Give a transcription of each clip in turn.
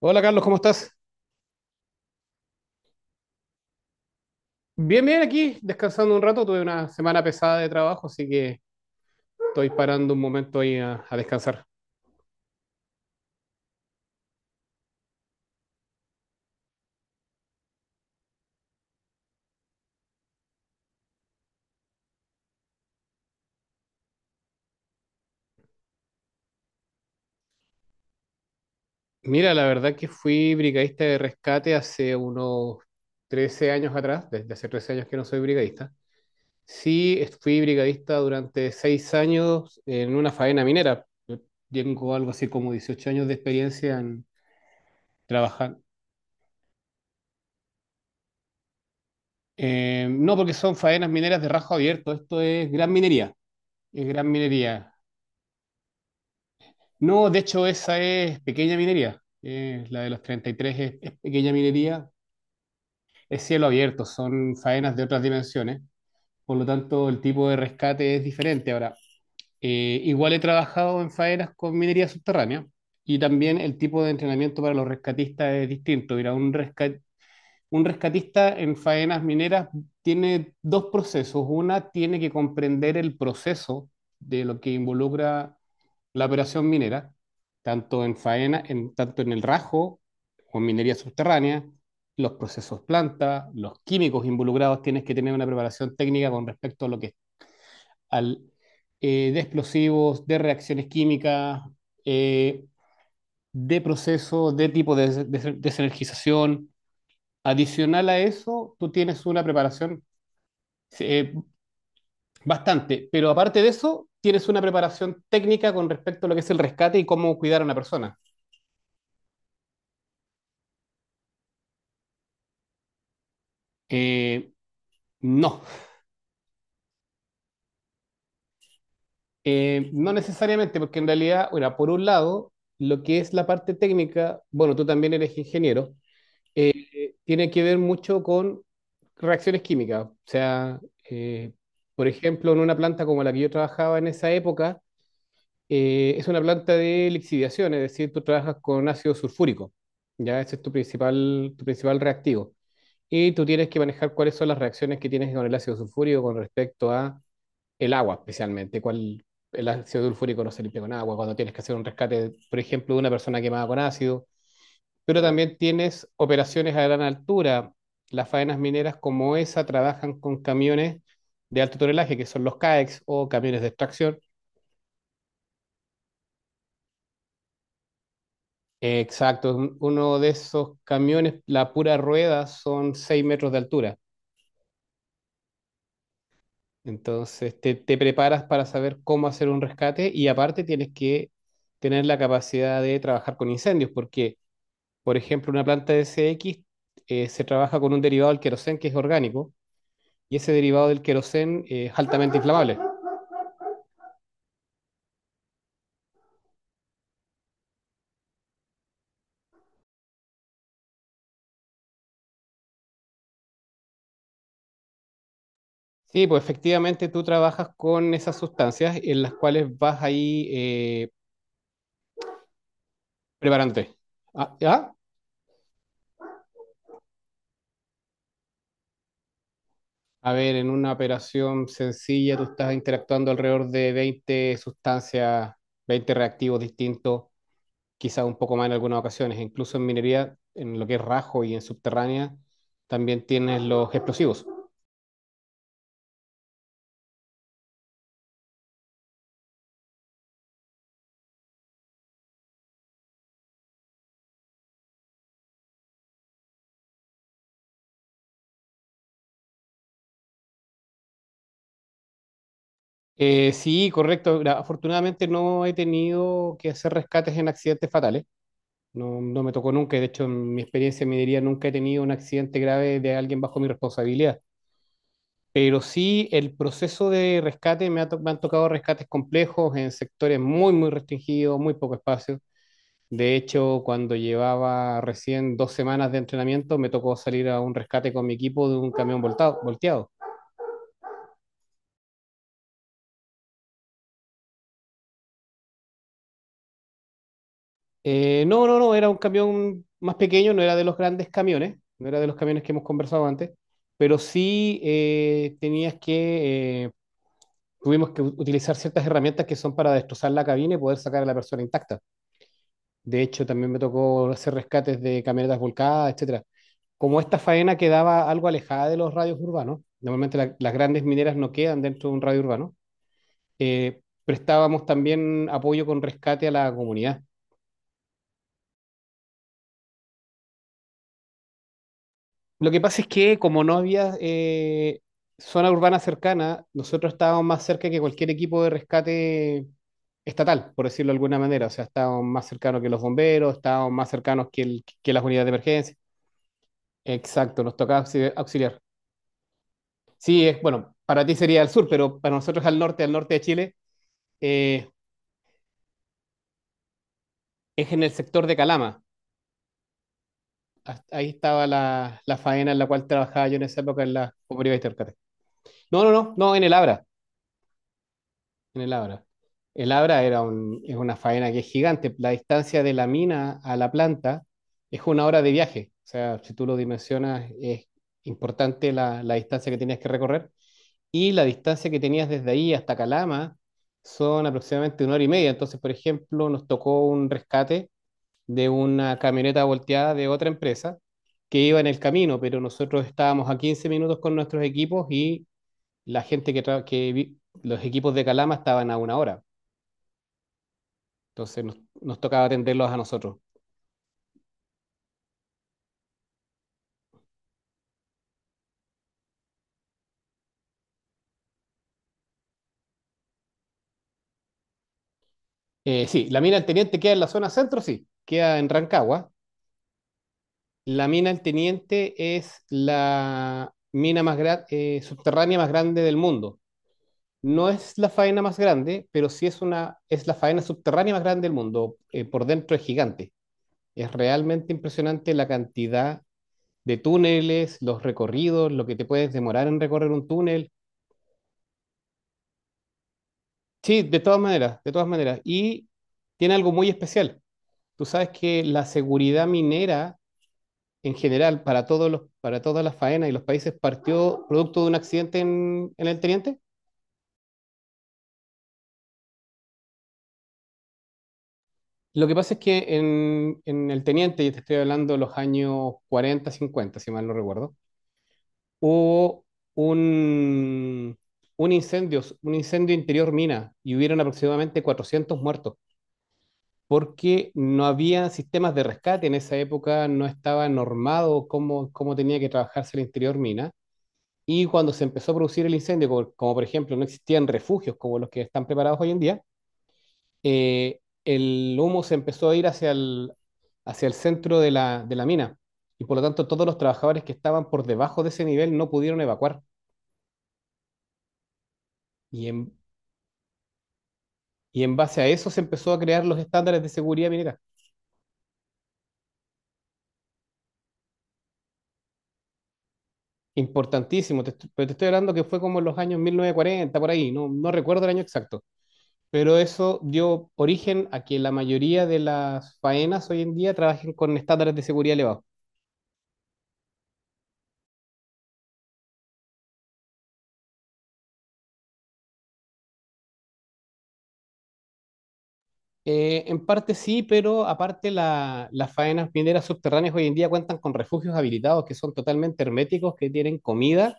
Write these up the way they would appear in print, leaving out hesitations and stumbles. Hola Carlos, ¿cómo estás? Bien, bien, aquí descansando un rato. Tuve una semana pesada de trabajo, así que estoy parando un momento ahí a descansar. Mira, la verdad que fui brigadista de rescate hace unos 13 años atrás, desde hace 13 años que no soy brigadista. Sí, fui brigadista durante 6 años en una faena minera. Yo tengo algo así como 18 años de experiencia en trabajar. No, porque son faenas mineras de rajo abierto, esto es gran minería, es gran minería. No, de hecho, esa es pequeña minería. La de los 33 es pequeña minería. Es cielo abierto, son faenas de otras dimensiones. Por lo tanto, el tipo de rescate es diferente. Ahora, igual he trabajado en faenas con minería subterránea y también el tipo de entrenamiento para los rescatistas es distinto. Mira, un rescatista en faenas mineras tiene dos procesos. Una tiene que comprender el proceso de lo que involucra la operación minera, tanto en faena, tanto en el rajo o en minería subterránea, los procesos planta, los químicos involucrados, tienes que tener una preparación técnica con respecto a lo que al de explosivos, de reacciones químicas, eh, de procesos, de tipo de, desenergización. Adicional a eso, tú tienes una preparación eh, bastante, pero aparte de eso, tienes una preparación técnica con respecto a lo que es el rescate y cómo cuidar a una persona. Eh, No, no necesariamente, porque en realidad, bueno, por un lado, lo que es la parte técnica, bueno, tú también eres ingeniero, tiene que ver mucho con reacciones químicas. O sea, eh, por ejemplo, en una planta como la que yo trabajaba en esa época, es una planta de lixiviación, es decir, tú trabajas con ácido sulfúrico, ya ese es tu principal reactivo. Y tú tienes que manejar cuáles son las reacciones que tienes con el ácido sulfúrico con respecto a el agua, especialmente, cuál el ácido sulfúrico no se limpia con agua, cuando tienes que hacer un rescate, por ejemplo, de una persona quemada con ácido, pero también tienes operaciones a gran altura. Las faenas mineras como esa trabajan con camiones de alto tonelaje, que son los CAEX o camiones de extracción. Exacto, uno de esos camiones, la pura rueda, son 6 metros de altura. Entonces te preparas para saber cómo hacer un rescate y aparte tienes que tener la capacidad de trabajar con incendios, porque por ejemplo, una planta de SX se trabaja con un derivado del queroseno que es orgánico y ese derivado del queroseno es altamente inflamable. Sí, pues efectivamente tú trabajas con esas sustancias en las cuales vas ahí preparándote. Ah, ¿ya? A ver, en una operación sencilla tú estás interactuando alrededor de 20 sustancias, 20 reactivos distintos, quizás un poco más en algunas ocasiones. Incluso en minería, en lo que es rajo y en subterránea, también tienes los explosivos. Sí, correcto. Afortunadamente no he tenido que hacer rescates en accidentes fatales. No, no me tocó nunca. De hecho, en mi experiencia me diría nunca he tenido un accidente grave de alguien bajo mi responsabilidad. Pero sí, el proceso de rescate me han tocado rescates complejos en sectores muy, muy restringidos, muy poco espacio. De hecho, cuando llevaba recién 2 semanas de entrenamiento, me tocó salir a un rescate con mi equipo de un camión volteado. No, no, no, era un camión más pequeño, no era de los grandes camiones, no era de los camiones que hemos conversado antes, pero sí tenías tuvimos que utilizar ciertas herramientas que son para destrozar la cabina y poder sacar a la persona intacta. De hecho, también me tocó hacer rescates de camionetas volcadas, etcétera. Como esta faena quedaba algo alejada de los radios urbanos, normalmente las grandes mineras no quedan dentro de un radio urbano, eh, prestábamos también apoyo con rescate a la comunidad. Lo que pasa es que como no había zona urbana cercana, nosotros estábamos más cerca que cualquier equipo de rescate estatal, por decirlo de alguna manera. O sea, estábamos más cercanos que los bomberos, estábamos más cercanos que, que las unidades de emergencia. Exacto, nos tocaba auxiliar. Sí, es, bueno, para ti sería al sur, pero para nosotros al norte de Chile, eh, es en el sector de Calama. Hasta ahí estaba la faena en la cual trabajaba yo en esa época en la cooperativa de rescate. No, no, no, no, en el Abra. En el Abra. El Abra era es una faena que es gigante. La distancia de la mina a la planta es una hora de viaje. O sea, si tú lo dimensionas, es importante la distancia que tenías que recorrer. Y la distancia que tenías desde ahí hasta Calama son aproximadamente una hora y media. Entonces, por ejemplo, nos tocó un rescate de una camioneta volteada de otra empresa que iba en el camino, pero nosotros estábamos a 15 minutos con nuestros equipos y la gente que, tra- que vi- los equipos de Calama estaban a una hora. Entonces nos tocaba atenderlos a nosotros. Sí, la mina del Teniente queda en la zona centro, sí, queda en Rancagua. La mina del Teniente es la mina subterránea más grande del mundo. No es la faena más grande, pero sí es, una, es la faena subterránea más grande del mundo. Por dentro es gigante. Es realmente impresionante la cantidad de túneles, los recorridos, lo que te puedes demorar en recorrer un túnel. Sí, de todas maneras, de todas maneras. Y tiene algo muy especial. Tú sabes que la seguridad minera en general para todos los, para todas las faenas y los países partió producto de un accidente en el Teniente. Lo que pasa es que en el Teniente, y te estoy hablando de los años 40, 50, si mal no recuerdo, hubo un, un incendio interior mina y hubieron aproximadamente 400 muertos porque no había sistemas de rescate en esa época, no estaba normado cómo, cómo tenía que trabajarse el interior mina. Y cuando se empezó a producir el incendio, como, como por ejemplo no existían refugios como los que están preparados hoy en día, el humo se empezó a ir hacia hacia el centro de de la mina. Y por lo tanto todos los trabajadores que estaban por debajo de ese nivel no pudieron evacuar. Y en, y en base a eso se empezó a crear los estándares de seguridad minera. Importantísimo, pero te estoy hablando que fue como en los años 1940, por ahí, no, no recuerdo el año exacto. Pero eso dio origen a que la mayoría de las faenas hoy en día trabajen con estándares de seguridad elevados. En parte sí, pero aparte las faenas mineras subterráneas hoy en día cuentan con refugios habilitados que son totalmente herméticos, que tienen comida,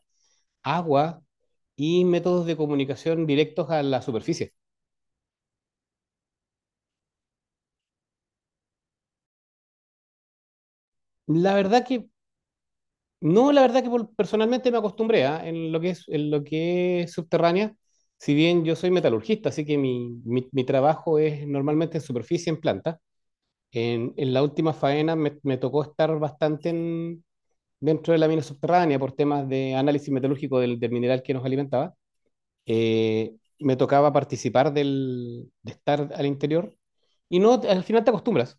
agua y métodos de comunicación directos a la superficie. La verdad que, no, la verdad que personalmente me acostumbré, ¿ah? En lo que es, en lo que es subterránea, si bien yo soy metalurgista, así que mi trabajo es normalmente en superficie, en planta. En la última faena me tocó estar bastante dentro de la mina subterránea por temas de análisis metalúrgico del mineral que nos alimentaba. Eh, me tocaba participar del, de estar al interior y no, al final te acostumbras.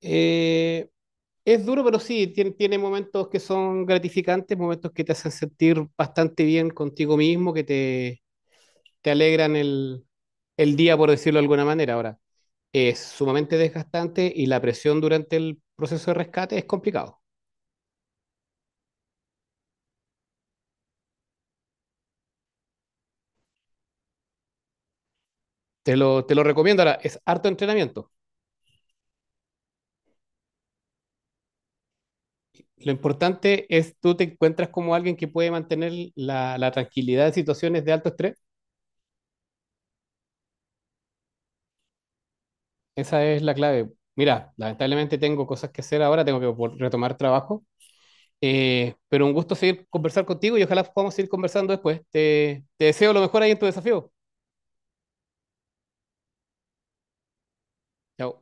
Eh, es duro, pero sí, tiene, tiene momentos que son gratificantes, momentos que te hacen sentir bastante bien contigo mismo, que te alegran el día, por decirlo de alguna manera. Ahora, es sumamente desgastante y la presión durante el proceso de rescate es complicado. Te lo recomiendo. Ahora, es harto entrenamiento. Lo importante es tú te encuentras como alguien que puede mantener la tranquilidad en situaciones de alto estrés. Esa es la clave. Mira, lamentablemente tengo cosas que hacer ahora, tengo que retomar trabajo, pero un gusto seguir conversar contigo y ojalá podamos seguir conversando después. Te deseo lo mejor ahí en tu desafío. Chao.